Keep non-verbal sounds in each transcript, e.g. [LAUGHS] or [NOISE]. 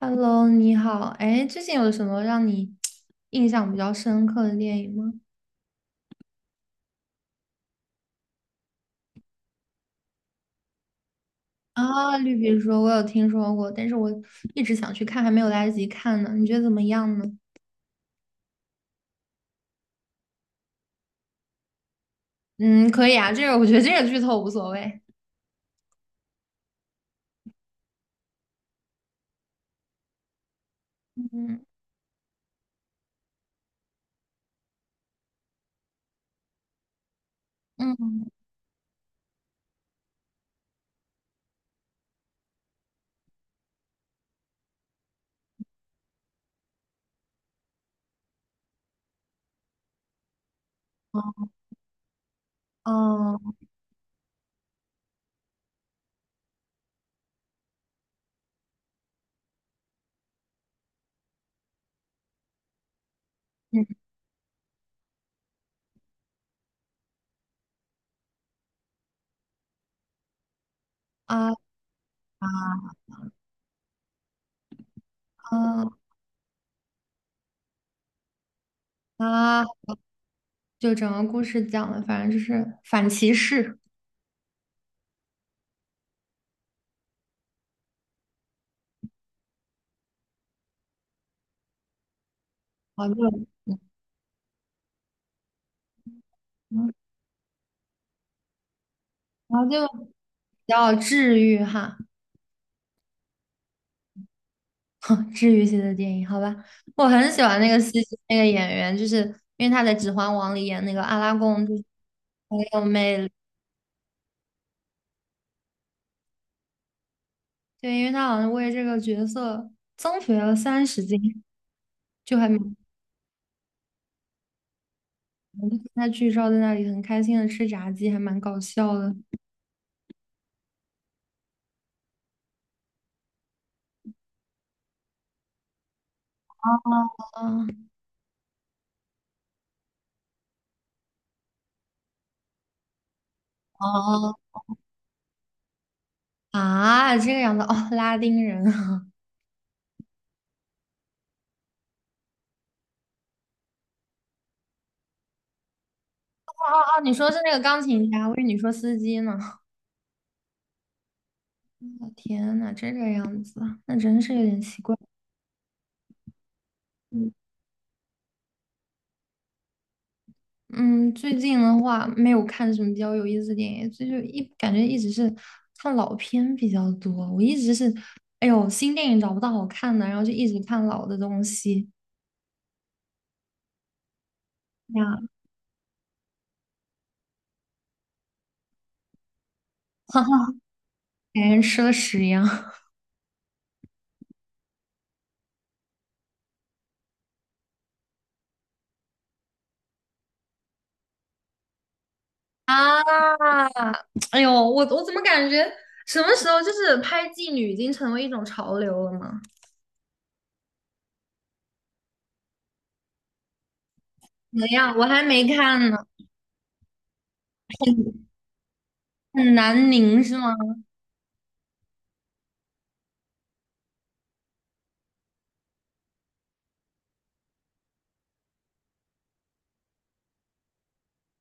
Hello，你好。哎，最近有什么让你印象比较深刻的电影吗？啊，《绿皮书》我有听说过，但是我一直想去看，还没有来得及看呢。你觉得怎么样呢？嗯，可以啊，这个我觉得这个剧透无所谓。嗯嗯。哦。嗯。啊啊啊啊！就整个故事讲的，反正就是反歧视，然后就嗯，然后就比较治愈哈。[LAUGHS] 治愈系的电影，好吧，我很喜欢那个司机那个演员，就是因为他在《指环王》里演那个阿拉贡，就是很有魅力。对，因为他好像为这个角色增肥了30斤，就还蛮他剧照在那里很开心的吃炸鸡，还蛮搞笑的。啊。哦。啊，这个样子哦，拉丁人啊。 [LAUGHS] 哦哦，你说是那个钢琴家，我以为你说司机呢。我天呐，这个样子啊，那真是有点奇怪。嗯。嗯，最近的话没有看什么比较有意思的电影，所以就一感觉一直是看老片比较多。我一直是，哎呦，新电影找不到好看的，然后就一直看老的东西呀。[LAUGHS] 哈哈，感觉吃了屎一样。 [LAUGHS] 啊！哎呦，我怎么感觉什么时候就是拍妓女已经成为一种潮流了吗？怎么样？我还没看呢。很很南宁是吗？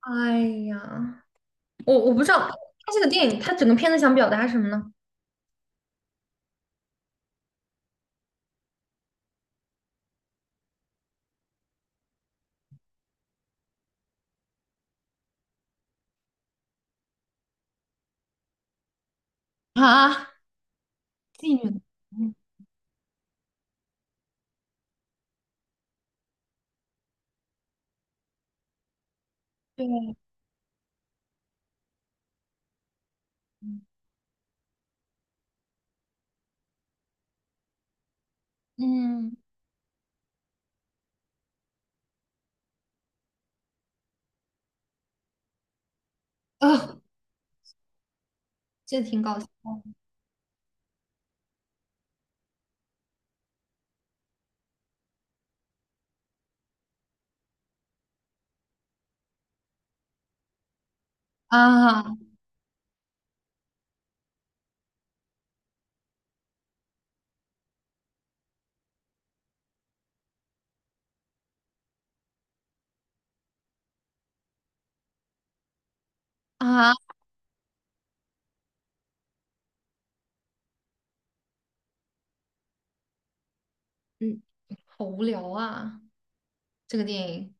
哎呀，我不知道他这个电影，他整个片子想表达什么呢？啊？妓女。嗯，对。嗯。啊，这挺搞笑的。啊啊。嗯。好无聊啊，这个电影。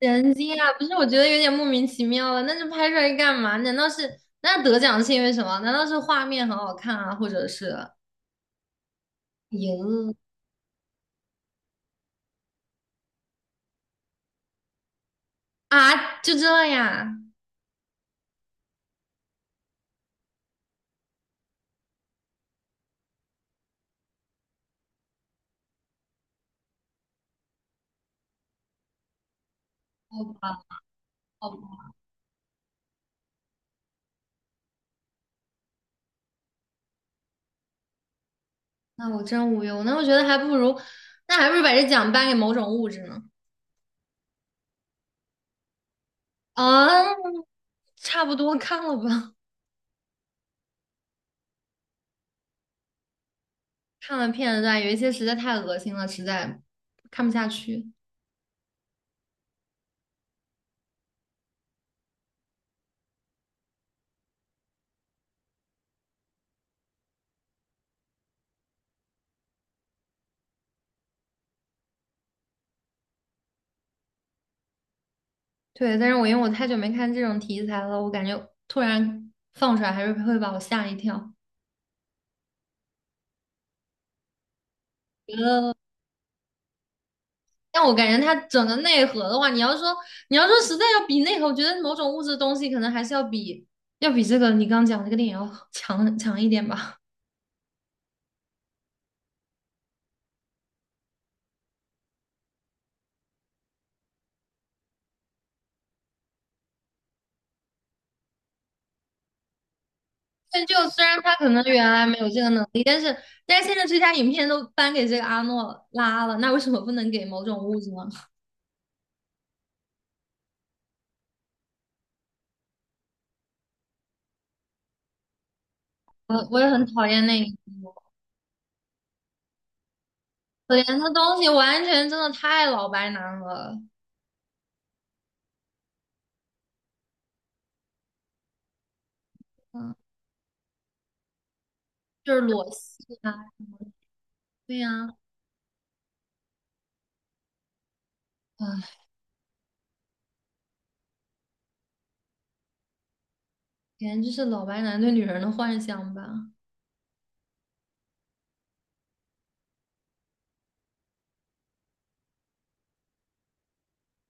人机啊，不是，我觉得有点莫名其妙了，那就拍出来干嘛？难道是那得奖是因为什么？难道是画面很好看啊，或者是赢啊？就这样？好吧，好吧，那我真无忧，那我觉得还不如，那还不如把这奖颁给某种物质呢。啊，差不多看了吧。看了片段，有一些实在太恶心了，实在看不下去。对，但是我因为我太久没看这种题材了，我感觉突然放出来还是会把我吓一跳。但我感觉它整个内核的话，你要说实在要比内核，我觉得某种物质的东西可能还是要比这个你刚讲这个电影要强一点吧。[LAUGHS] 但就虽然他可能原来没有这个能力，但是现在最佳影片都颁给这个阿诺拉了，那为什么不能给某种物质呢？[LAUGHS] 我也很讨厌那一部。可怜的东西完全真的太老白男了。嗯，就是裸戏啊。对呀、啊。哎，简直就是老白男对女人的幻想吧，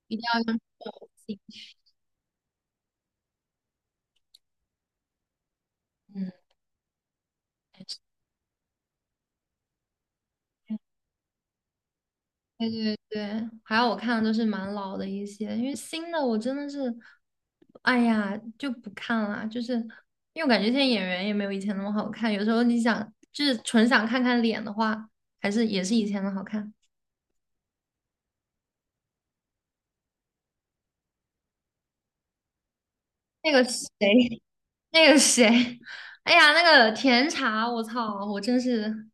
一定要用裸戏。嗯，还是。对对对，还有我看的都是蛮老的一些，因为新的我真的是，哎呀就不看了，就是因为我感觉现在演员也没有以前那么好看，有时候你想就是纯想看看脸的话，还是也是以前的好看。那个谁。[LAUGHS] 那个谁。哎呀，那个甜茶，我操，我真是，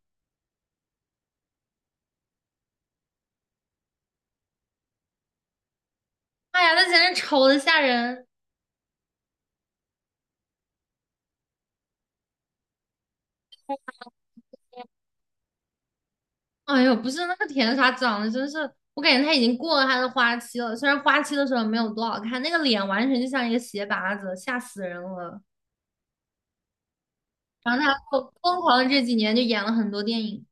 哎呀，那简直丑的吓人！哎呦，不是那个甜茶长得真是，我感觉他已经过了他的花期了。虽然花期的时候没有多好看，那个脸完全就像一个鞋拔子，吓死人了。然后他狂的这几年就演了很多电影。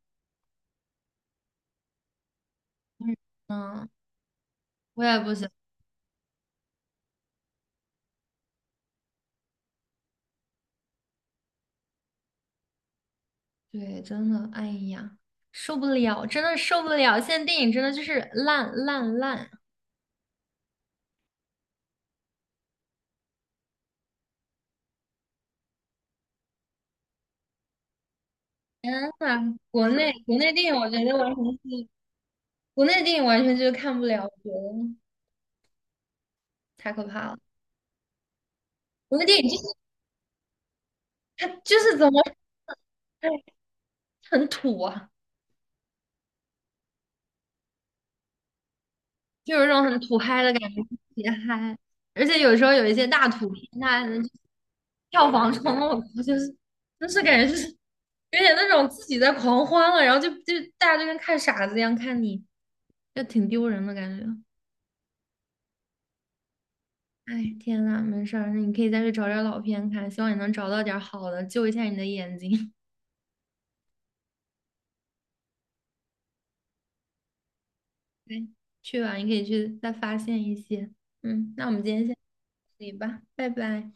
嗯嗯。我也不行。对，真的，哎呀，受不了，真的受不了！现在电影真的就是烂烂烂。天呐，国内电影我觉得完全是。国内的电影完全就是看不了，我觉得太可怕了。国内电影就是它就是怎么。哎，很土啊，就有一种很土嗨的感觉，特别嗨。而且有时候有一些大土片，它票房冲我靠，就是感觉就是有点那种自己在狂欢了，然后就大家就跟看傻子一样看你，就挺丢人的感觉。哎，天呐，没事儿，那你可以再去找点儿老片看，希望你能找到点儿好的，救一下你的眼睛。对，去吧，你可以去再发现一些。嗯，那我们今天先到这里吧，拜拜。